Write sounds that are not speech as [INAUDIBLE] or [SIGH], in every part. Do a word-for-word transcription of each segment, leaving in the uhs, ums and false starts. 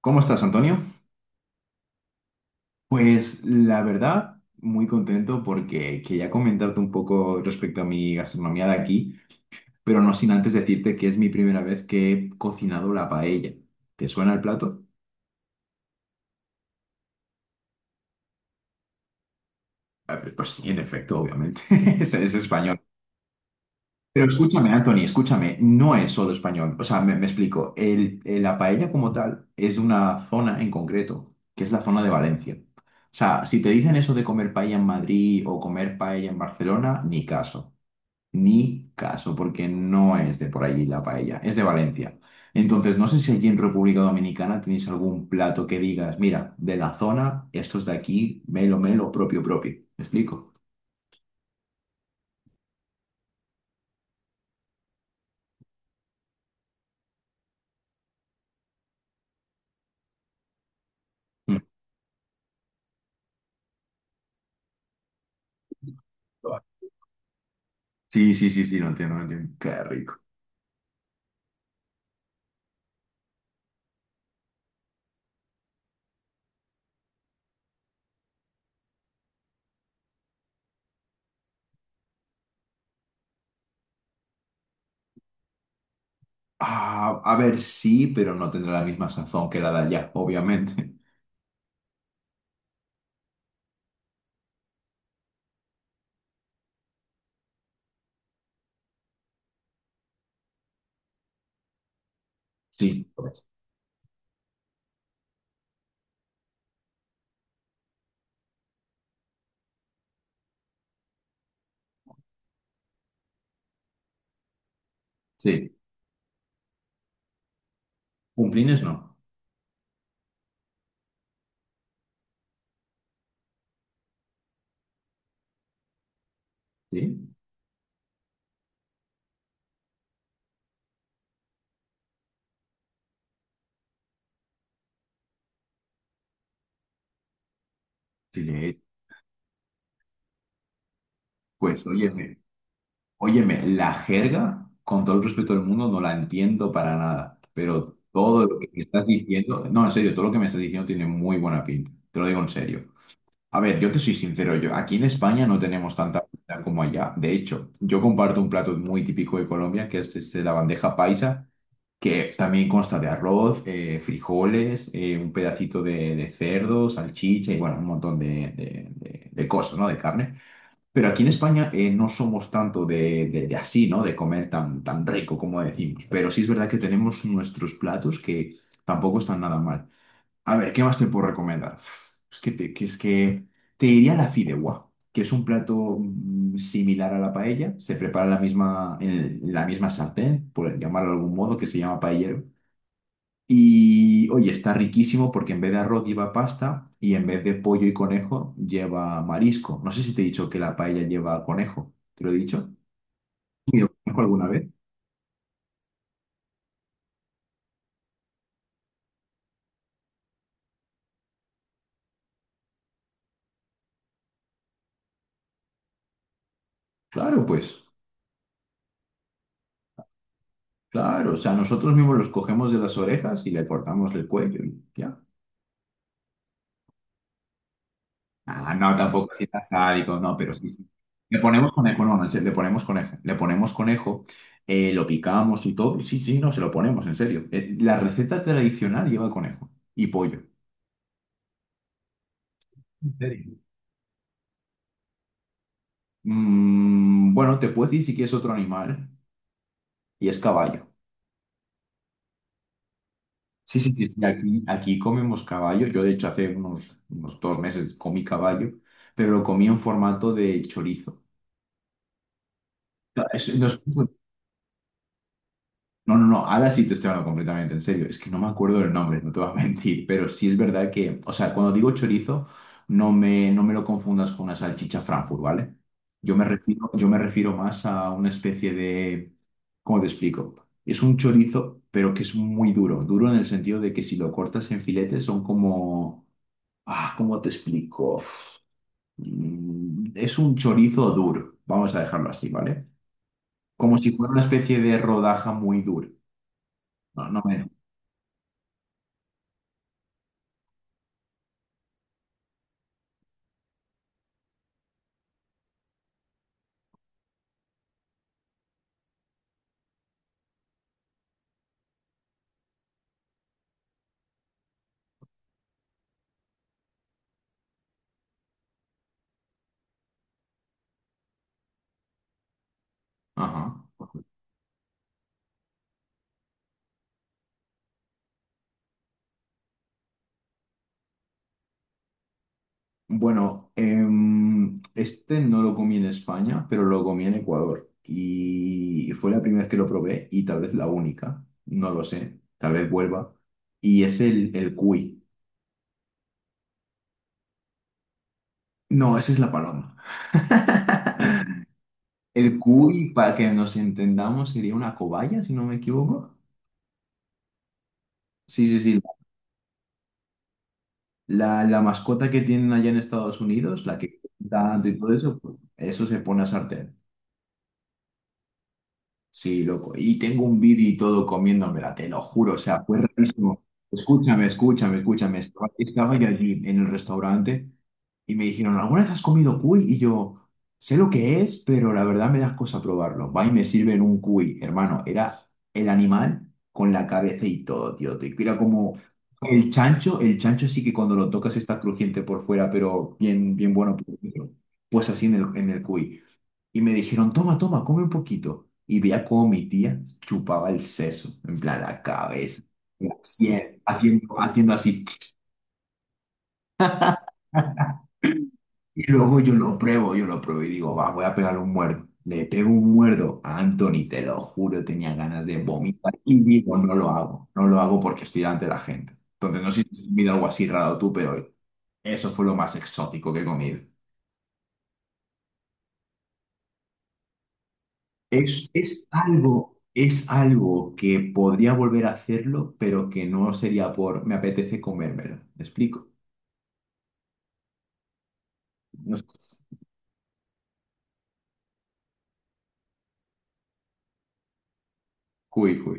¿Cómo estás, Antonio? Pues la verdad, muy contento porque quería comentarte un poco respecto a mi gastronomía de aquí, pero no sin antes decirte que es mi primera vez que he cocinado la paella. ¿Te suena el plato? A ver, pues sí, en efecto, obviamente. [LAUGHS] Es, es español. Pero escúchame, Anthony, escúchame, no es solo español. O sea, me, me explico. El- el- la paella como tal es de una zona en concreto, que es la zona de Valencia. O sea, si te dicen eso de comer paella en Madrid o comer paella en Barcelona, ni caso. Ni caso, porque no es de por allí la paella, es de Valencia. Entonces, no sé si allí en República Dominicana tenéis algún plato que digas, mira, de la zona, estos de aquí, melo, melo, propio, propio. ¿Me explico? Mm. Sí, sí, sí, sí, no entiendo, no entiendo. Qué rico. Ah, a ver, sí, pero no tendrá la misma sazón que la de allá, obviamente. [LAUGHS] Sí, pues, sí. Cumplines no. Sí, sí. Pues, oye, óyeme, la jerga, con todo el respeto del mundo, no la entiendo para nada, pero todo lo que me estás diciendo, no, en serio, todo lo que me estás diciendo tiene muy buena pinta, te lo digo en serio. A ver, yo te soy sincero, yo aquí en España no tenemos tanta comida como allá. De hecho, yo comparto un plato muy típico de Colombia, que es este, la bandeja paisa, que también consta de arroz, eh, frijoles, eh, un pedacito de, de cerdo, salchicha y bueno, un montón de, de de- de cosas, ¿no? De carne. Pero aquí en España eh, no somos tanto de, de- de así, ¿no? De comer tan, tan rico como decimos. Pero sí es verdad que tenemos nuestros platos que tampoco están nada mal. A ver, ¿qué más te puedo recomendar? Uf, es que te, que es que te diría la fideuá, que es un plato mm, similar a la paella. Se prepara en la misma, en la misma sartén, por llamarlo de algún modo, que se llama paellero. Y oye, está riquísimo porque en vez de arroz lleva pasta y en vez de pollo y conejo lleva marisco. No sé si te he dicho que la paella lleva conejo. ¿Te lo he dicho? ¿Y lo conozco alguna vez? Claro, pues, claro. O sea, nosotros mismos los cogemos de las orejas y le cortamos el cuello y ya. Ah, no, tampoco así tan sádico, no, pero sí. Sí. Le ponemos conejo, no, no, en serio, le ponemos conejo. Le ponemos conejo, eh, lo picamos y todo. Sí, sí, no, se lo ponemos, en serio. Eh, La receta tradicional lleva conejo y pollo. ¿En serio? Mm, bueno, te puedo decir si quieres otro animal, y es caballo. Sí, sí, sí, sí, aquí, aquí comemos caballo. Yo, de hecho, hace unos, unos dos meses comí caballo, pero lo comí en formato de chorizo. Es- no es- No, no, no, ahora sí te estoy hablando completamente en serio. Es que no me acuerdo del nombre, no te voy a [LAUGHS] mentir, pero sí es verdad que, o sea, cuando digo chorizo, no me, no me lo confundas con una salchicha Frankfurt, ¿vale? Yo me refiero, yo me refiero más a una especie de, ¿cómo te explico? Es un chorizo, pero que es muy duro, duro en el sentido de que si lo cortas en filetes son como, ah, ¿cómo te explico? Mm, es un chorizo duro, vamos a dejarlo así, ¿vale? Como si fuera una especie de rodaja muy dura. No, no me- Ajá. Bueno, em, este no lo comí en España, pero lo comí en Ecuador. Y fue la primera vez que lo probé y tal vez la única, no lo sé, tal vez vuelva. Y es el, el cuy. No, esa es la paloma. [LAUGHS] El cuy, para que nos entendamos, sería una cobaya, si no me equivoco. Sí, sí, sí. La, la mascota que tienen allá en Estados Unidos, la que tanto y todo eso, pues, eso se pone a sartén. Sí, loco. Y tengo un vídeo y todo comiéndomela, te lo juro. O sea, fue rarísimo. Escúchame, escúchame, escúchame. Estaba, estaba yo allí en el restaurante y me dijeron, ¿alguna vez has comido cuy? Y yo, sé lo que es, pero la verdad me das cosa probarlo. Va y me sirven un cuy, hermano. Era el animal con la cabeza y todo, tío. Te- Era como el chancho. El chancho sí que cuando lo tocas está crujiente por fuera, pero bien, bien bueno por dentro. Pues así en el, en el cuy. Y me dijeron, toma, toma, come un poquito. Y veía cómo mi tía chupaba el seso, en plan la cabeza, haciendo, haciendo, haciendo así. Y luego yo lo pruebo, yo lo pruebo y digo, va, voy a pegarle un muerdo. Le pego un muerdo a Anthony, te lo juro, tenía ganas de vomitar. Y digo, no lo hago, no lo hago porque estoy delante de la gente. Entonces, no sé si has comido algo así raro tú, pero eso fue lo más exótico que he comido. Es, es algo, es algo que podría volver a hacerlo, pero que no sería por me apetece comérmelo. ¿Me explico? No sé. Uy, uy.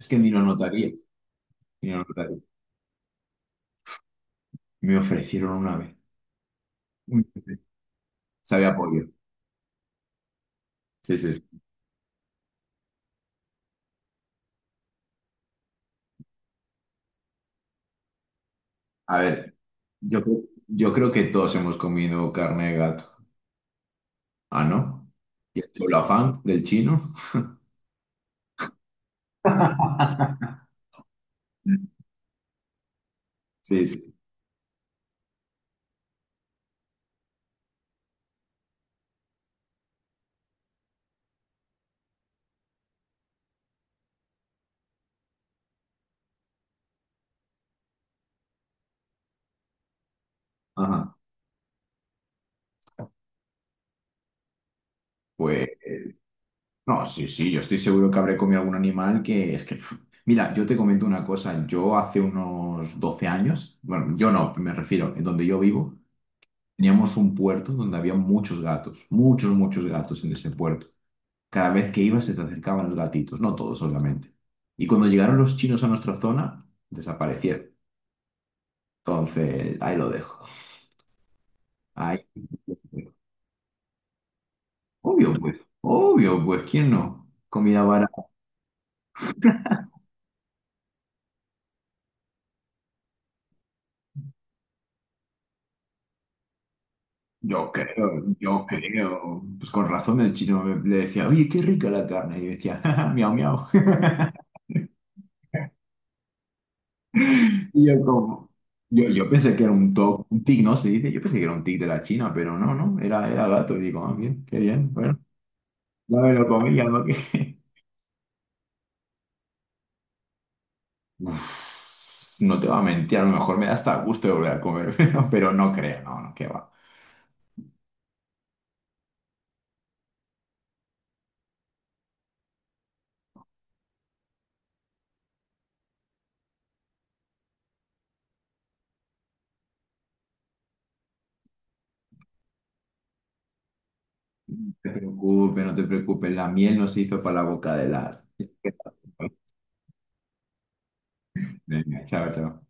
Es que ni lo notarías. Ni lo notarías. Me ofrecieron una vez. Sabía a pollo. Sí, sí, sí. A ver, yo, creo- yo creo que todos hemos comido carne de gato. Ah, ¿no? ¿Y el afán del chino? [LAUGHS] Sí, sí. Ajá. Pues. No, sí, sí, yo estoy seguro que habré comido algún animal que es que... pf, mira, yo te comento una cosa, yo hace unos doce años, bueno, yo no, me refiero, en donde yo vivo, teníamos un puerto donde había muchos gatos, muchos, muchos gatos en ese puerto. Cada vez que ibas se te acercaban los gatitos, no todos, obviamente. Y cuando llegaron los chinos a nuestra zona, desaparecieron. Entonces, ahí lo dejo. Ahí... Obvio, pues, obvio, pues, ¿quién no? Comida barata. Yo creo, yo creo. Pues con razón el chino me, le decía, oye, qué rica la carne. Y yo decía, "Ja, ja, miau, miau." [LAUGHS] Y yo como, yo, yo pensé que era un toc, un tic, ¿no? Se dice, yo pensé que era un tic de la China, pero no, no, era, era gato. Y digo, ah, bien, qué bien, bueno, ya me lo comí, ya lo que... [LAUGHS] Uf, no te va a mentir, a lo mejor me da hasta gusto de volver a comer, [LAUGHS] pero, pero no creo, no, no, qué va. No te preocupes, no te preocupes, la miel no se hizo para la boca de las... [LAUGHS] Venga, chao, chao.